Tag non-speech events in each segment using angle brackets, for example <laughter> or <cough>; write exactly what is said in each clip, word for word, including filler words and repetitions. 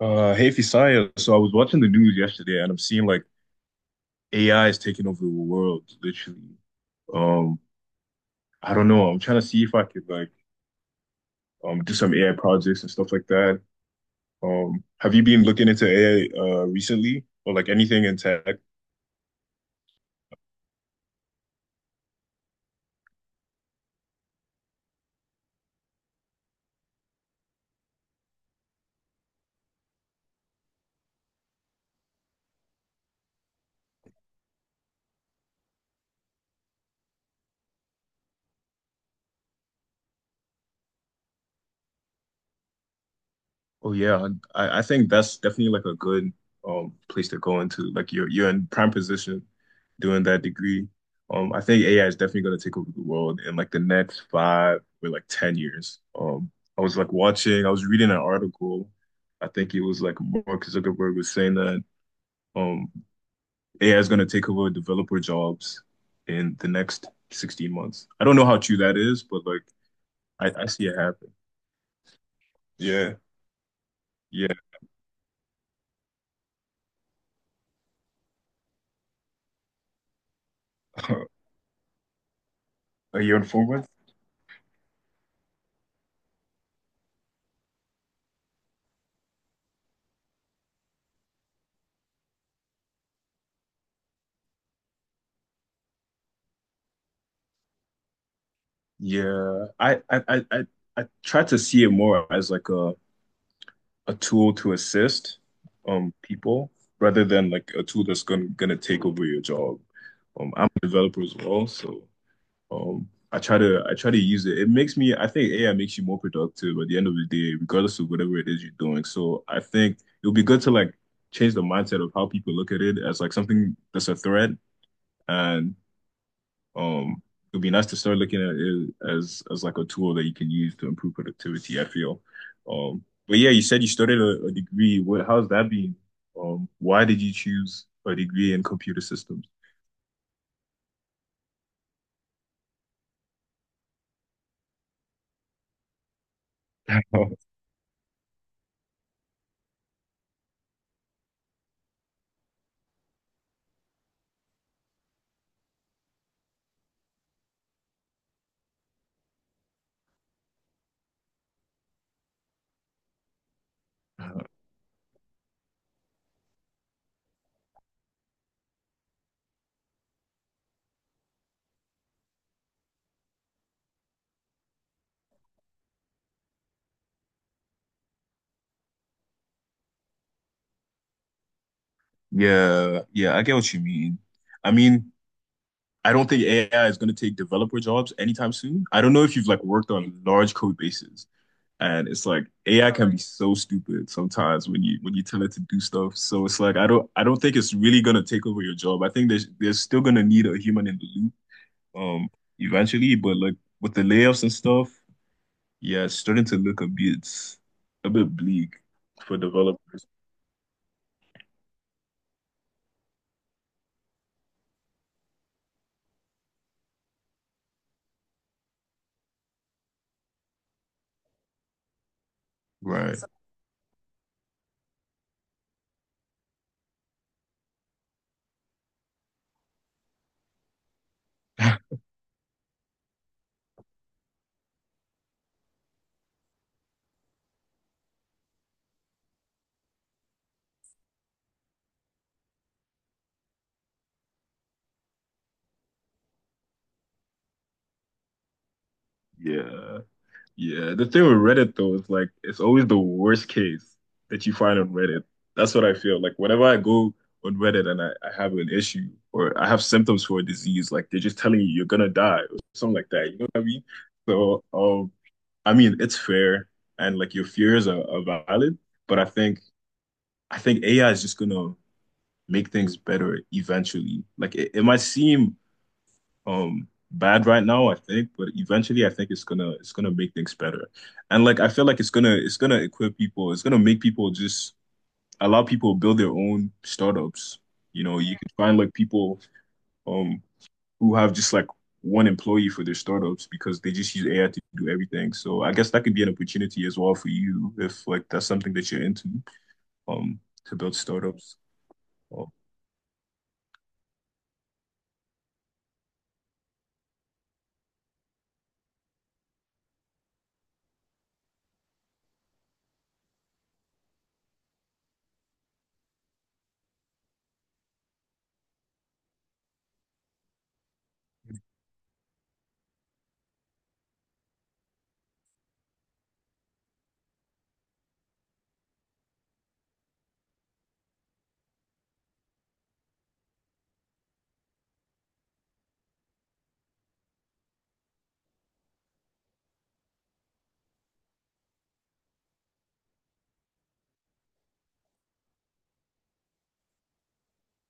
Uh, hey Fisaya, so I was watching the news yesterday and I'm seeing like A I is taking over the world, literally. Um, I don't know. I'm trying to see if I could like um do some A I projects and stuff like that. Um, have you been looking into A I uh recently or like anything in tech? Oh yeah, I, I think that's definitely like a good um place to go into. Like you're you're in prime position doing that degree. Um, I think A I is definitely going to take over the world in like the next five or like ten years. Um, I was like watching, I was reading an article. I think it was like Mark Zuckerberg was saying that um A I is going to take over developer jobs in the next sixteen months. I don't know how true that is, but like I, I see it happen. Yeah, yeah. <laughs> Are you informed? Yeah, I, I I I I try to see it more as like a a tool to assist um people rather than like a tool that's gonna gonna take over your job. Um, I'm a developer as well, so um I try to I try to use it. It makes me I think A I makes you more productive at the end of the day, regardless of whatever it is you're doing. So I think it would be good to like change the mindset of how people look at it as like something that's a threat and um, it'd be nice to start looking at it as as like a tool that you can use to improve productivity, I feel. Um, but yeah, you said you started a, a degree. What, how's that been? Um, why did you choose a degree in computer systems? <laughs> Yeah, yeah, I get what you mean. I mean, I don't think A I is going to take developer jobs anytime soon. I don't know if you've like worked on large code bases. And it's like A I can be totally so stupid sometimes when you when you tell it to do stuff. So it's like I don't I don't think it's really gonna take over your job. I think there's there's still gonna need a human in the loop, um eventually, but like with the layoffs and stuff, yeah, it's starting to look a bit a bit bleak for developers. Right. So yeah. Yeah, the thing with Reddit though is like it's always the worst case that you find on Reddit. That's what I feel. Like whenever I go on Reddit and I, I have an issue or I have symptoms for a disease, like they're just telling you you're gonna die or something like that. You know what I mean? So, um, I mean it's fair and like your fears are, are valid, but I think I think A I is just gonna make things better eventually. Like it, it might seem um bad right now, I think, but eventually I think it's gonna it's gonna make things better. And like I feel like it's gonna it's gonna equip people, it's gonna make people just allow people to build their own startups. You know, you can find like people um who have just like one employee for their startups because they just use A I to do everything. So I guess that could be an opportunity as well for you if like that's something that you're into, um, to build startups. Oh,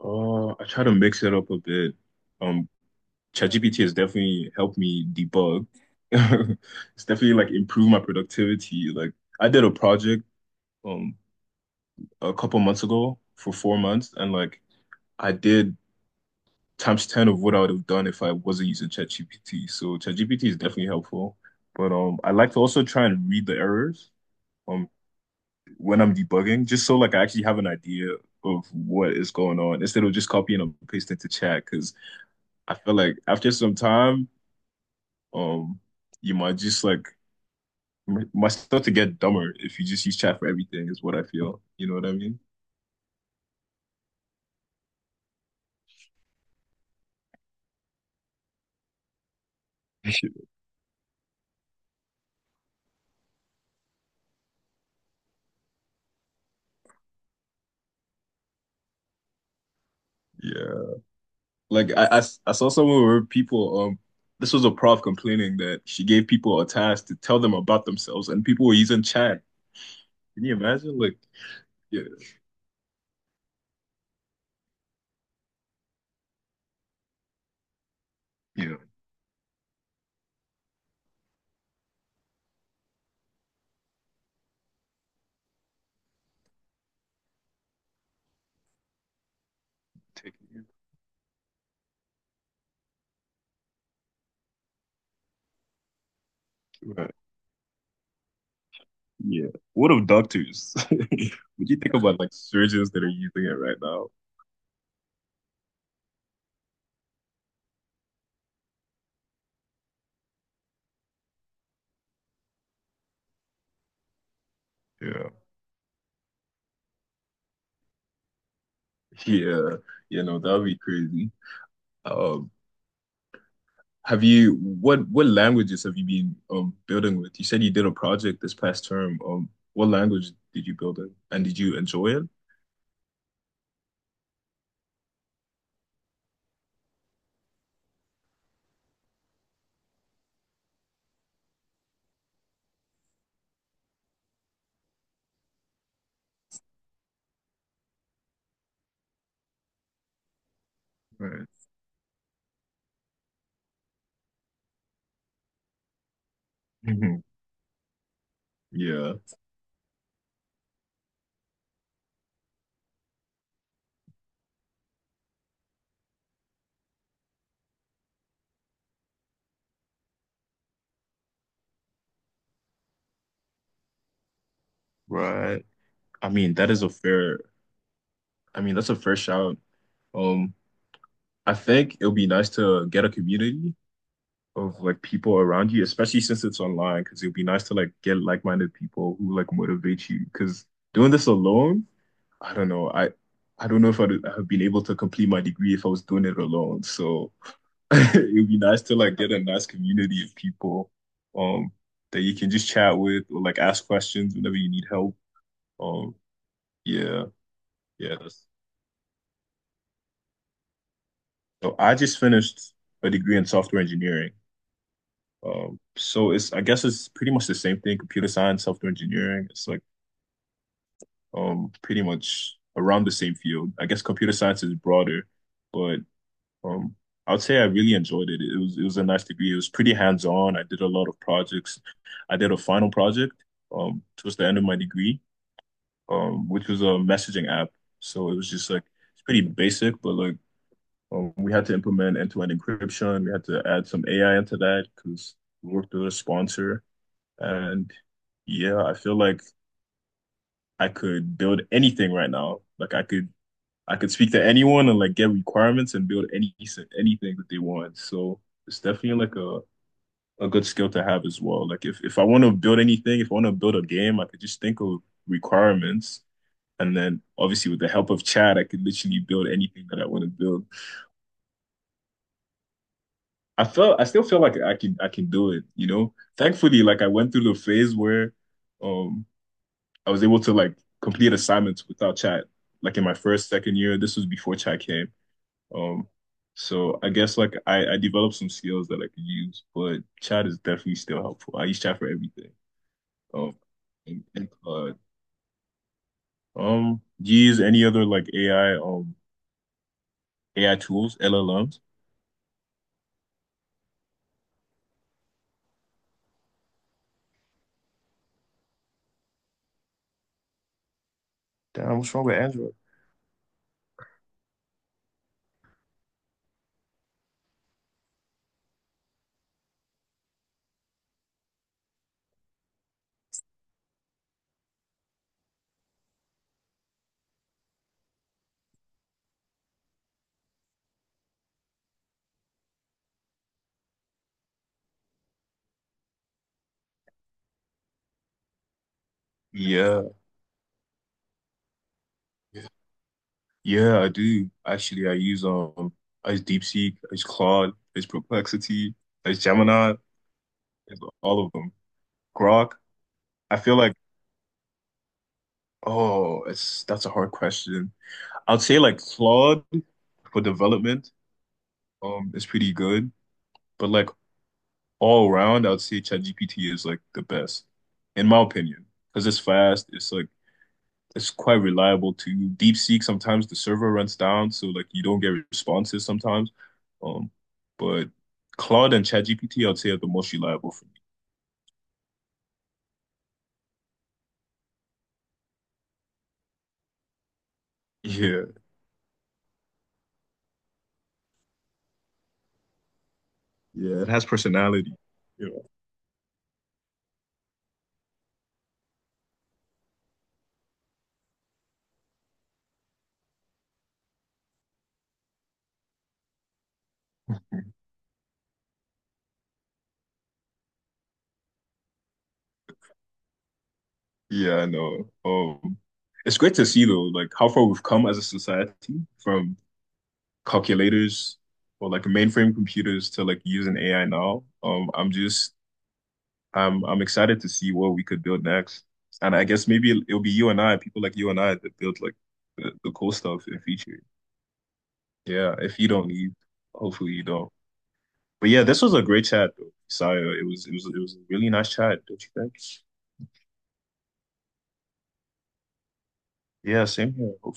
Uh, I try to mix it up a bit. Um, ChatGPT has definitely helped me debug. <laughs> It's definitely like improved my productivity. Like I did a project um a couple months ago for four months, and like I did times ten of what I would have done if I wasn't using ChatGPT. So ChatGPT is definitely helpful. But um I like to also try and read the errors um when I'm debugging, just so like I actually have an idea of what is going on instead of just copying and pasting to chat. Because I feel like after some time, um you might just like m- might start to get dumber if you just use chat for everything, is what I feel. You know what I mean? <laughs> Yeah. Like I, I s- I saw someone where people um this was a prof complaining that she gave people a task to tell them about themselves and people were using chat. Can you imagine? Like yeah, yeah, taking it. Right. Yeah. What of doctors? <laughs> Would you think about like surgeons that are using it right now? Yeah. Yeah. Yeah, no, that would be crazy. Um have you what what languages have you been um building with? You said you did a project this past term. Um what language did you build in and did you enjoy it? Right. <laughs> Yeah, right. I mean, that is a fair, I mean, that's a fair shout. Um, I think it'll be nice to get a community of like people around you, especially since it's online, because it'll be nice to like get like-minded people who like motivate you. Because doing this alone, I don't know. I I don't know if I'd have been able to complete my degree if I was doing it alone. So <laughs> it'd be nice to like get a nice community of people, um, that you can just chat with or like ask questions whenever you need help. Um, yeah, yeah, that's So I just finished a degree in software engineering. Um, so it's I guess it's pretty much the same thing, computer science, software engineering. It's like um pretty much around the same field. I guess computer science is broader, but um I would say I really enjoyed it. It was it was a nice degree. It was pretty hands-on. I did a lot of projects. I did a final project um towards the end of my degree, um, which was a messaging app. So it was just like it's pretty basic, but like Um, we had to implement end-to-end encryption. We had to add some A I into that because we worked with a sponsor. And yeah, I feel like I could build anything right now. Like I could I could speak to anyone and like get requirements and build any anything that they want. So it's definitely like a a good skill to have as well. Like if if I want to build anything, if I want to build a game, I could just think of requirements and then obviously with the help of chat, I could literally build anything that I want to build. I felt I still feel like I can I can do it, you know. Thankfully, like I went through the phase where um I was able to like complete assignments without chat. Like in my first, second year, this was before chat came. Um so I guess like I, I developed some skills that I could use, but chat is definitely still helpful. I use chat for everything. Um and, and Claude. Um, do you use any other like A I um A I tools, L L Ms? Damn, what's wrong with Android? Yeah. Yeah, I do. Actually, I use um I use DeepSeek, I use Claude, I use Perplexity, I use Gemini, I use all of them. Grok. I feel like oh, it's that's a hard question. I'd say like Claude for development um is pretty good, but like all around, I'd say ChatGPT is like the best in my opinion because it's fast. It's like it's quite reliable too. DeepSeek, sometimes the server runs down, so like you don't get responses sometimes. Um, but Claude and ChatGPT, I'd say are the most reliable for me. Yeah, yeah, it has personality. You know. Yeah, I know. Um, it's great to see though, like how far we've come as a society from calculators or like mainframe computers to like using A I now. Um, I'm just I'm I'm excited to see what we could build next. And I guess maybe it'll, it'll be you and I, people like you and I that build like the, the cool stuff in future. Yeah, if you don't leave, hopefully you don't. But yeah, this was a great chat though, Saya. It was it was it was a really nice chat, don't you think? Yeah, same here.